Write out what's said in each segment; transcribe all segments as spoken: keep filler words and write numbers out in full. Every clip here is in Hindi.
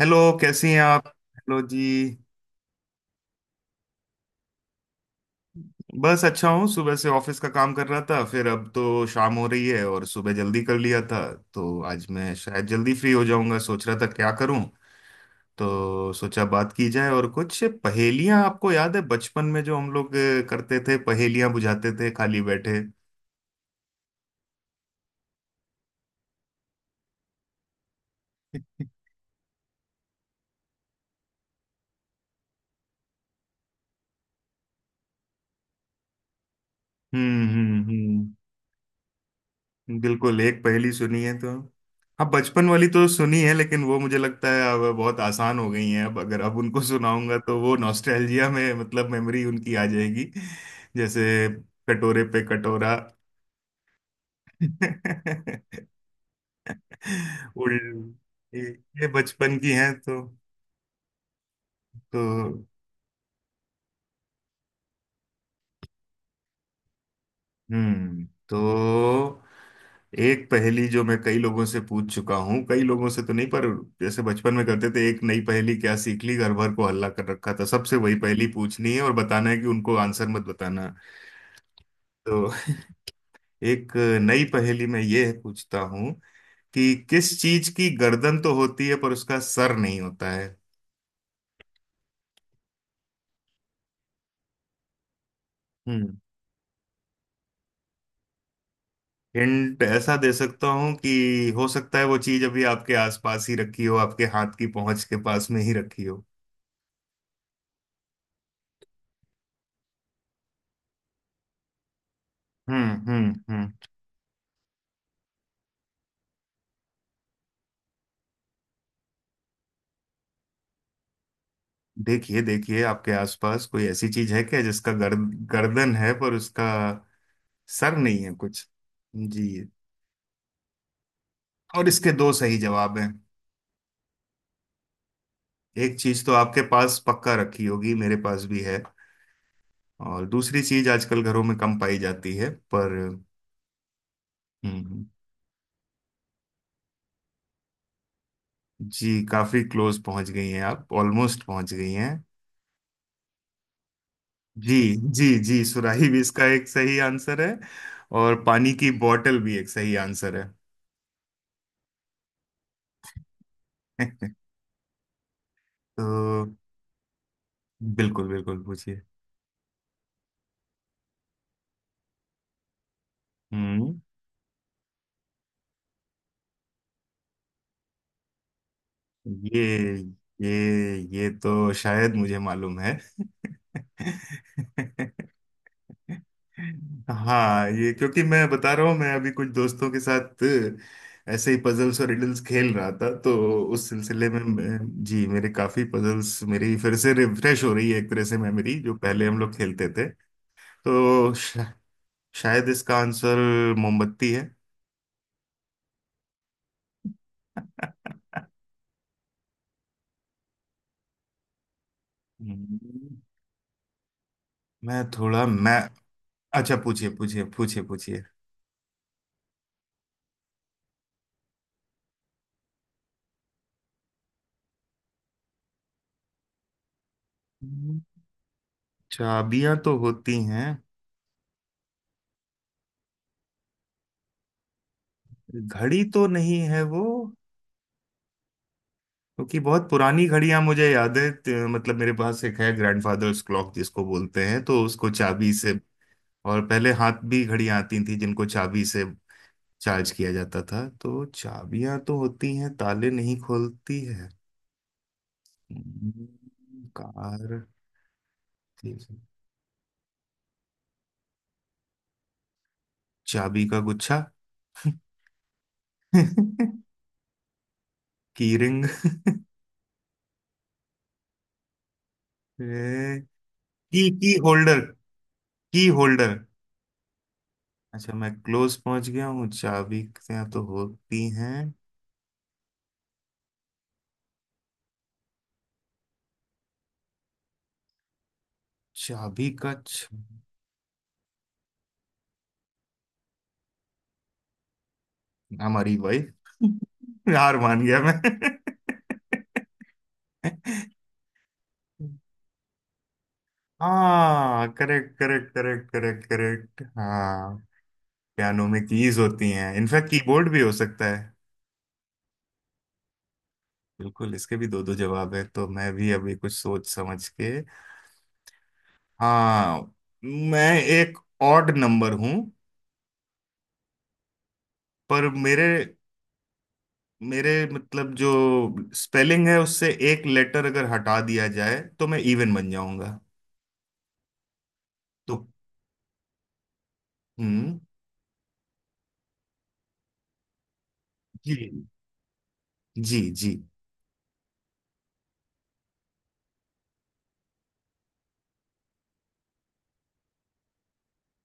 हेलो, कैसी हैं आप? हेलो जी। बस अच्छा हूँ, सुबह से ऑफिस का काम कर रहा था, फिर अब तो शाम हो रही है और सुबह जल्दी कर लिया था। तो आज मैं शायद जल्दी फ्री हो जाऊंगा, सोच रहा था क्या करूँ। तो सोचा बात की जाए और कुछ पहेलियां, आपको याद है बचपन में जो हम लोग अ, करते थे, पहेलियां बुझाते थे खाली बैठे। हम्म हम्म हम्म। बिल्कुल, एक पहेली सुनी है तो। हाँ बचपन वाली तो सुनी है, लेकिन वो मुझे लगता है अब बहुत आसान हो गई हैं। अब अगर अब उनको सुनाऊंगा तो वो नॉस्टैल्जिया में, मतलब मेमोरी उनकी आ जाएगी। जैसे, कटोरे पे कटोरा। उल ये ये बचपन की हैं तो। तो हम्म तो एक पहेली जो मैं कई लोगों से पूछ चुका हूँ, कई लोगों से तो नहीं पर जैसे बचपन में करते थे, एक नई पहेली क्या सीख ली, घर भर को हल्ला कर रखा था, सबसे वही पहेली पूछनी है और बताना है कि उनको आंसर मत बताना। तो एक नई पहेली में ये पूछता हूँ कि किस चीज की गर्दन तो होती है पर उसका सर नहीं होता है। हम्म। हिंट ऐसा दे सकता हूँ कि हो सकता है वो चीज अभी आपके आसपास ही रखी हो, आपके हाथ की पहुंच के पास में ही रखी हो। हम्म हम्म हम्म। देखिए देखिए, आपके आसपास कोई ऐसी चीज है क्या जिसका गर्द, गर्दन है पर उसका सर नहीं है कुछ। जी, और इसके दो सही जवाब हैं। एक चीज तो आपके पास पक्का रखी होगी, मेरे पास भी है, और दूसरी चीज आजकल घरों में कम पाई जाती है पर। हम्म। जी काफी क्लोज पहुंच गई हैं आप, ऑलमोस्ट पहुंच गई हैं। जी जी जी, सुराही भी इसका एक सही आंसर है, और पानी की बॉटल भी एक सही आंसर है। तो बिल्कुल बिल्कुल पूछिए। हम्म, ये ये ये तो शायद मुझे मालूम है। हाँ, ये क्योंकि मैं बता रहा हूँ, मैं अभी कुछ दोस्तों के साथ ऐसे ही पजल्स और रिडल्स खेल रहा था। तो उस सिलसिले में मैं- जी, मेरे काफी पजल्स मेरी फिर से रिफ्रेश हो रही है, एक तरह से मेमोरी जो पहले हम लोग खेलते थे। तो शा, शायद इसका आंसर मोमबत्ती है। हम्म, मैं थोड़ा मैं अच्छा पूछिए पूछिए पूछिए पूछिए। चाबियां तो होती हैं, घड़ी तो नहीं है वो, क्योंकि बहुत पुरानी घड़ियां मुझे याद है, त- मतलब मेरे पास एक है, ग्रैंडफादर्स क्लॉक जिसको बोलते हैं, तो उसको चाबी से। और पहले हाथ भी घड़ियां आती थी जिनको चाबी से चार्ज किया जाता था, तो चाबियां तो होती हैं, ताले नहीं खोलती है। हम्म, कार ठीक है। चाबी का गुच्छा। की रिंग। की की होल्डर, की होल्डर। अच्छा मैं क्लोज पहुंच गया हूँ, चाबी से तो होती हैं। चाबी का छ... हमारी वाइफ। हार मान गया मैं। हाँ correct correct correct correct correct हाँ। पियानो में कीज होती हैं, इनफैक्ट कीबोर्ड भी हो सकता है। बिल्कुल, इसके भी दो दो जवाब है, तो मैं भी अभी कुछ सोच समझ के। हाँ, मैं एक ऑड नंबर हूं, पर मेरे मेरे मतलब जो स्पेलिंग है, उससे एक लेटर अगर हटा दिया जाए तो मैं इवन बन जाऊंगा। तो हम्म जी जी जी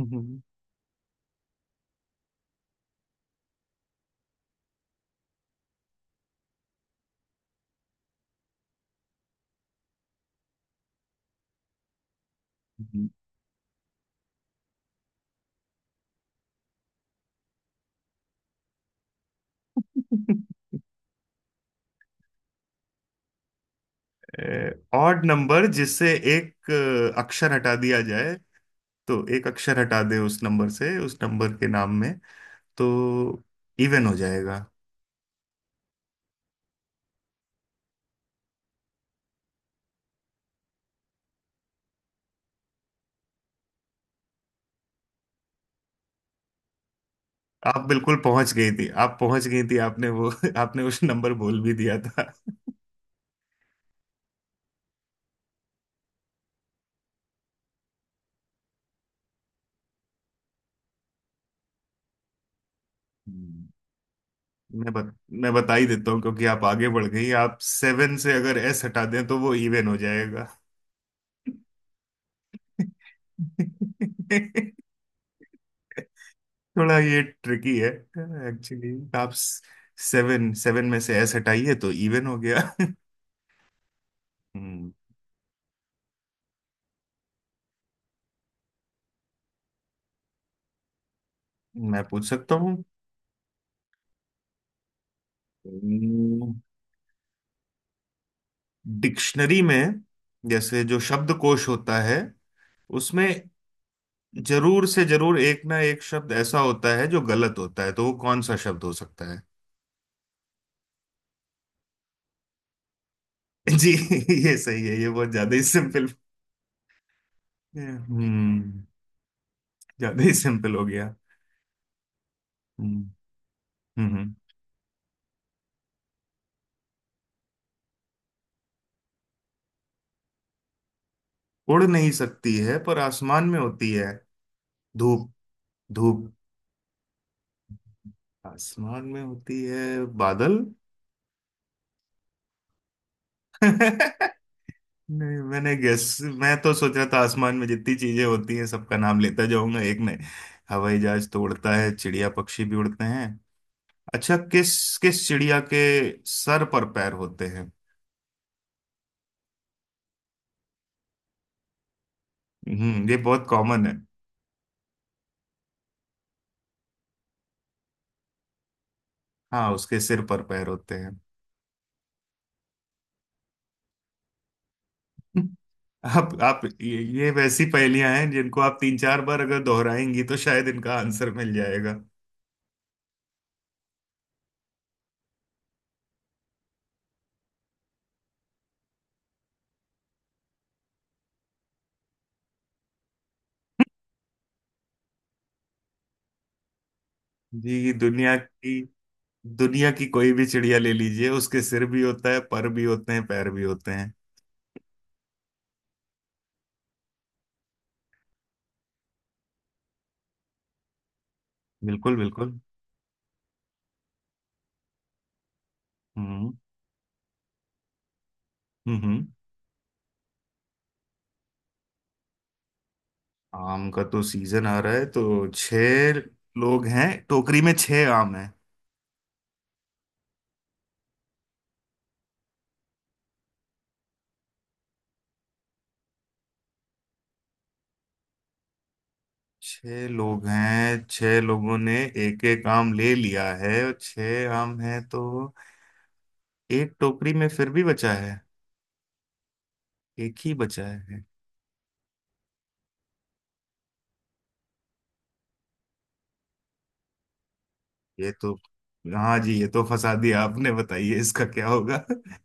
हम्म। ऑड नंबर, जिससे एक अ, अक्षर हटा दिया जाए, तो एक अक्षर हटा दे उस नंबर से, उस नंबर के नाम में, तो इवन हो जाएगा। आप बिल्कुल पहुंच गई थी, आप पहुंच गई थी, आपने वो आपने उस नंबर बोल भी दिया था। मैं बत, मैं बता ही देता हूँ क्योंकि आप आगे बढ़ गई। आप सेवन से अगर एस हटा दें तो वो इवन हो जाएगा। थोड़ा ये ट्रिकी है एक्चुअली। आप सेवन सेवन में से एस हटाइए तो इवन हो गया। हम्म, मैं पूछ सकता हूँ। डिक्शनरी में, जैसे जो शब्दकोश होता है उसमें जरूर से जरूर एक ना एक शब्द ऐसा होता है जो गलत होता है, तो वो कौन सा शब्द हो सकता है। जी ये सही है, ये बहुत ज्यादा ही सिंपल। ये, हम्म ज्यादा ही सिंपल हो गया। हम्म हम्म हम्म। उड़ नहीं सकती है पर आसमान में होती है। धूप, धूप आसमान में होती है, बादल। नहीं, मैंने गेस, मैं तो सोच रहा था आसमान में जितनी चीजें होती हैं सबका नाम लेता जाऊंगा एक में। हवाई जहाज तो उड़ता है, चिड़िया पक्षी भी उड़ते हैं। अच्छा, किस किस चिड़िया के सर पर पैर होते हैं। हम्म, ये बहुत कॉमन है। हाँ, उसके सिर पर पैर होते हैं। आप आप ये, ये वैसी पहेलियां हैं जिनको आप तीन चार बार अगर दोहराएंगी तो शायद इनका आंसर मिल जाएगा। जी, दुनिया की दुनिया की कोई भी चिड़िया ले लीजिए, उसके सिर भी होता है, पर भी होते हैं, पैर भी होते हैं। बिल्कुल बिल्कुल हम्म हम्म हम्म। आम का तो सीजन आ रहा है, तो छह लोग हैं, टोकरी में छह आम हैं। छह लोग हैं, छह लोगों ने एक एक आम ले लिया है और छह आम है, तो एक टोकरी में फिर भी बचा है, एक ही बचा है। ये तो, हाँ जी, ये तो फंसा दिया आपने, बताइए इसका क्या होगा।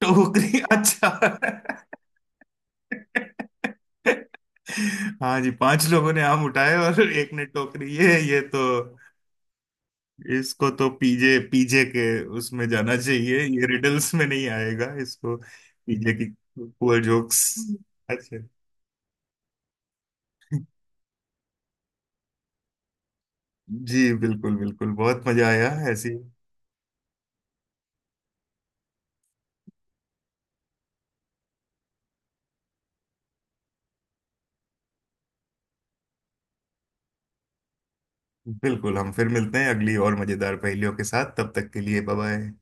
टोकरी, अच्छा, हाँ जी, पांच लोगों ने आम उठाए और एक ने टोकरी, ये ये तो, इसको तो पीजे पीजे के उसमें जाना चाहिए, ये रिडल्स में नहीं आएगा, इसको पीजे की पुअर जोक्स। अच्छा जी, बिल्कुल बिल्कुल बहुत मजा आया ऐसी। बिल्कुल, हम फिर मिलते हैं अगली और मजेदार पहेलियों के साथ, तब तक के लिए बाय बाय।